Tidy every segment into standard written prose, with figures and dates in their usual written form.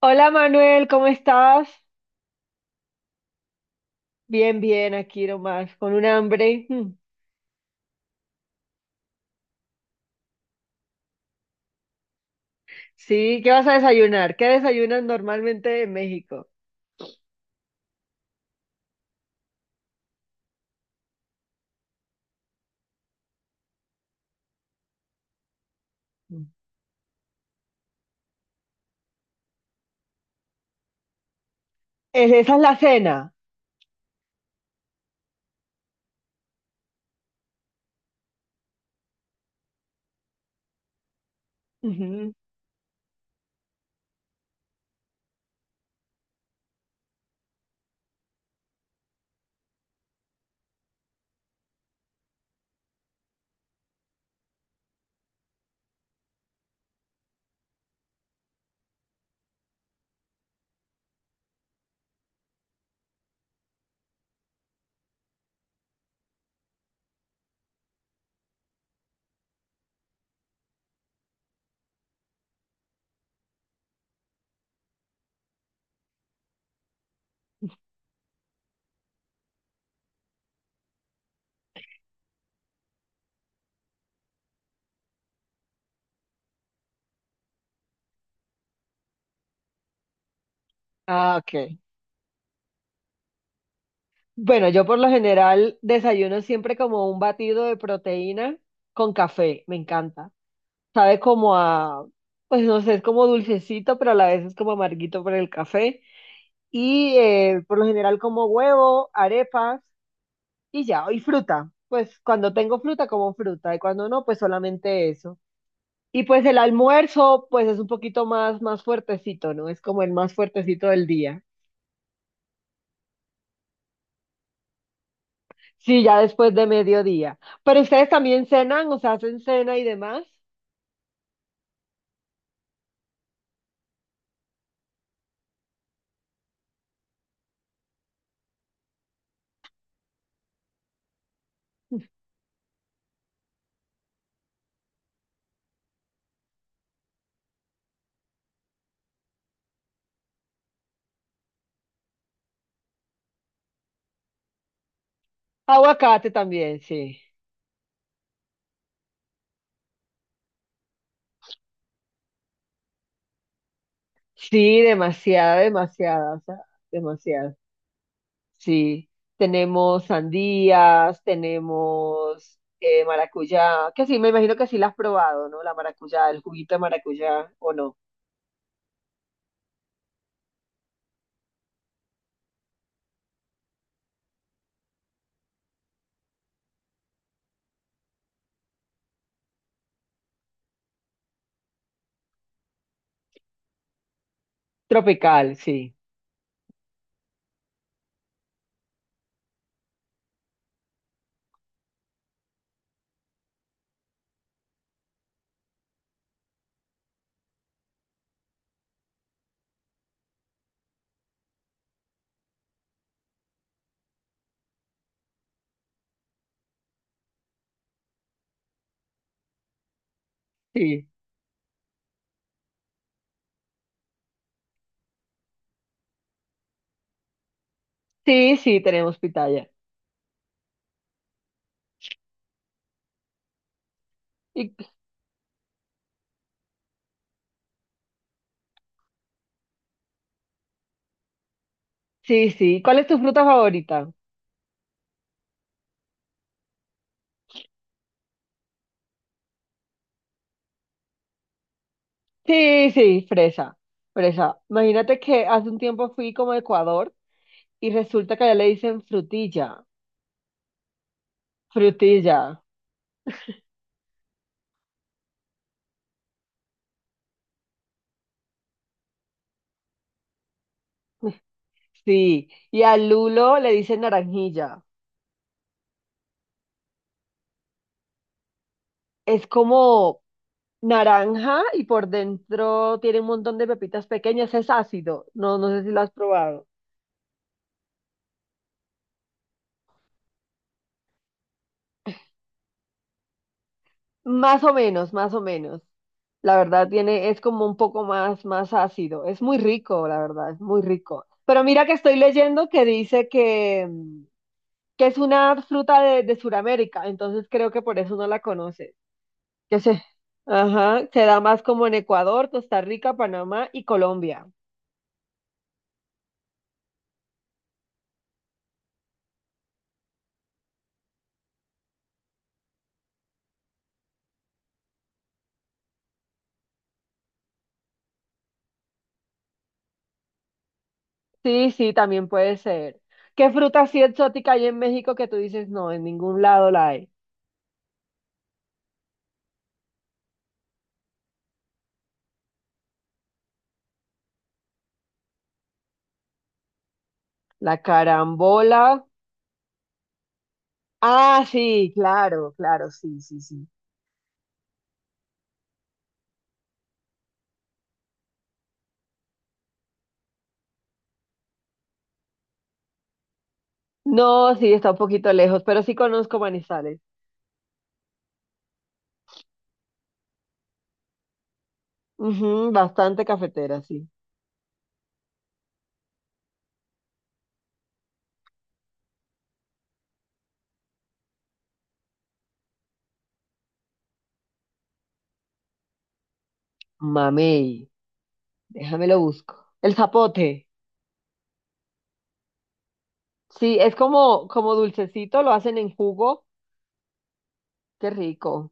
Hola Manuel, ¿cómo estás? Bien, bien, aquí nomás, con un hambre. Mm. Sí, ¿qué vas a desayunar? ¿Qué desayunas normalmente en México? Mm. ¿Esa es la cena? Ujú. Ah, ok. Bueno, yo por lo general desayuno siempre como un batido de proteína con café, me encanta. Sabe como a, pues no sé, es como dulcecito, pero a la vez es como amarguito por el café. Y por lo general como huevo, arepas. Y ya, y fruta. Pues cuando tengo fruta, como fruta, y cuando no, pues solamente eso. Y pues el almuerzo, pues es un poquito más fuertecito, ¿no? Es como el más fuertecito del día. Sí, ya después de mediodía. Pero ustedes también cenan, o sea, hacen cena y demás. Aguacate también, sí. Sí, demasiada, demasiada, o sea, demasiado. Sí, tenemos sandías, tenemos maracuyá, que sí, me imagino que sí la has probado, ¿no? La maracuyá, el juguito de maracuyá, ¿o no? Tropical, sí, sí, sí, sí, tenemos pitaya. Y, sí, sí, ¿cuál es tu fruta favorita? Sí, sí, fresa, fresa. Imagínate que hace un tiempo fui como a Ecuador y resulta que allá le dicen frutilla, frutilla, sí, y al lulo le dicen naranjilla. Es como, naranja y por dentro tiene un montón de pepitas pequeñas. Es ácido. No, no sé si lo has probado. Más o menos, más o menos. La verdad tiene, es como un poco más ácido. Es muy rico, la verdad, es muy rico. Pero mira que estoy leyendo que dice que, que es una fruta de Sudamérica, entonces creo que por eso no la conoces. Que se, ajá, se da más como en Ecuador, Costa Rica, Panamá y Colombia. Sí, sí, también puede ser. ¿Qué fruta así exótica hay en México que tú dices, no, en ningún lado la hay? La carambola. Ah, sí, claro, claro, sí, sí, sí. No, sí, está un poquito lejos, pero sí conozco Manizales. Ujú, bastante cafetera, sí. Mamey, déjame lo busco. El zapote. Sí, es como, como dulcecito, lo hacen en jugo. Qué rico.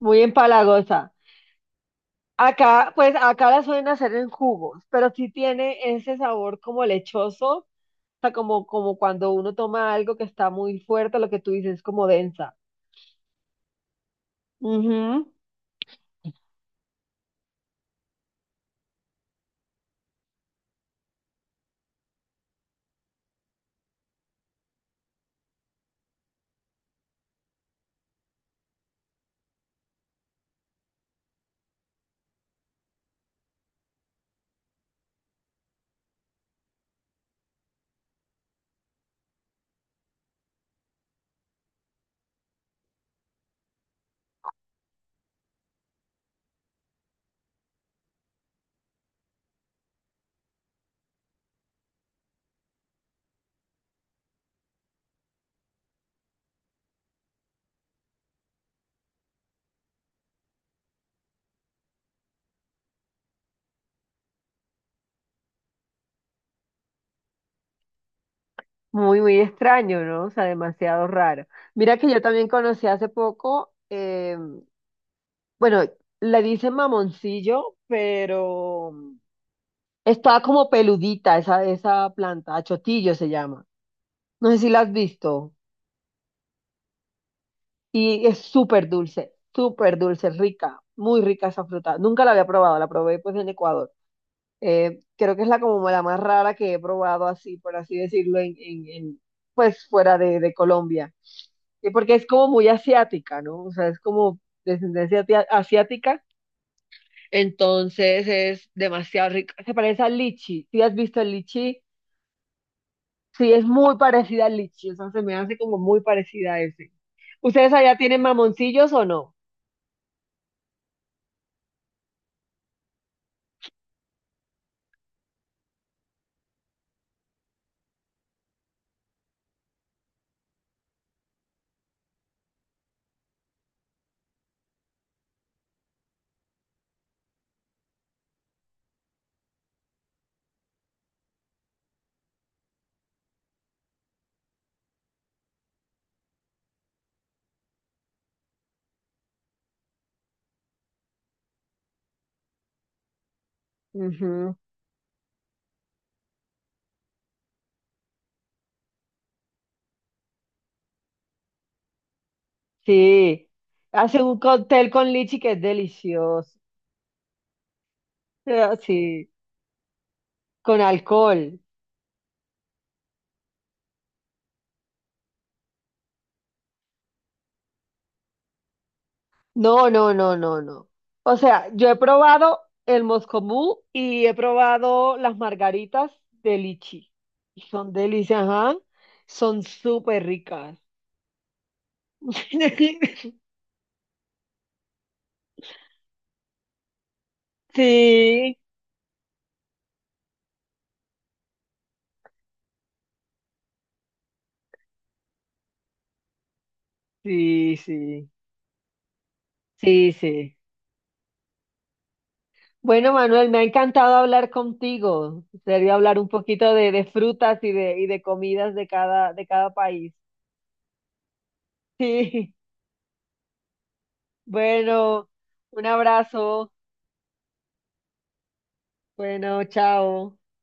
Muy empalagosa. Acá, pues acá la suelen hacer en jugos, pero sí tiene ese sabor como lechoso, o sea, como, como cuando uno toma algo que está muy fuerte, lo que tú dices, es como densa. Ujú. Muy, muy extraño, ¿no? O sea, demasiado raro. Mira que yo también conocí hace poco, bueno, le dicen mamoncillo, pero está como peludita esa, esa planta, achotillo se llama. No sé si la has visto. Y es súper dulce, rica, muy rica esa fruta. Nunca la había probado, la probé pues en Ecuador. Creo que es la como la más rara que he probado así, por así decirlo, pues fuera de Colombia. Y porque es como muy asiática, ¿no? O sea, es como descendencia asiática, entonces es demasiado rica. Se parece al lichi. ¿Sí has visto el lichi? Sí, es muy parecida al lichi, o sea, se me hace como muy parecida a ese. ¿Ustedes allá tienen mamoncillos o no? Ujú. Sí, hace un cóctel con lichi que es delicioso. Ah, sí, con alcohol. No, no, no, no, no. O sea, yo he probado el moscomú y he probado las margaritas de lichi. Y son delicias, ajá. Son súper ricas. Sí, sí, sí, sí, sí. Bueno, Manuel, me ha encantado hablar contigo. Sería hablar un poquito de frutas y de comidas de cada país. Sí, bueno, un abrazo. Bueno, chao.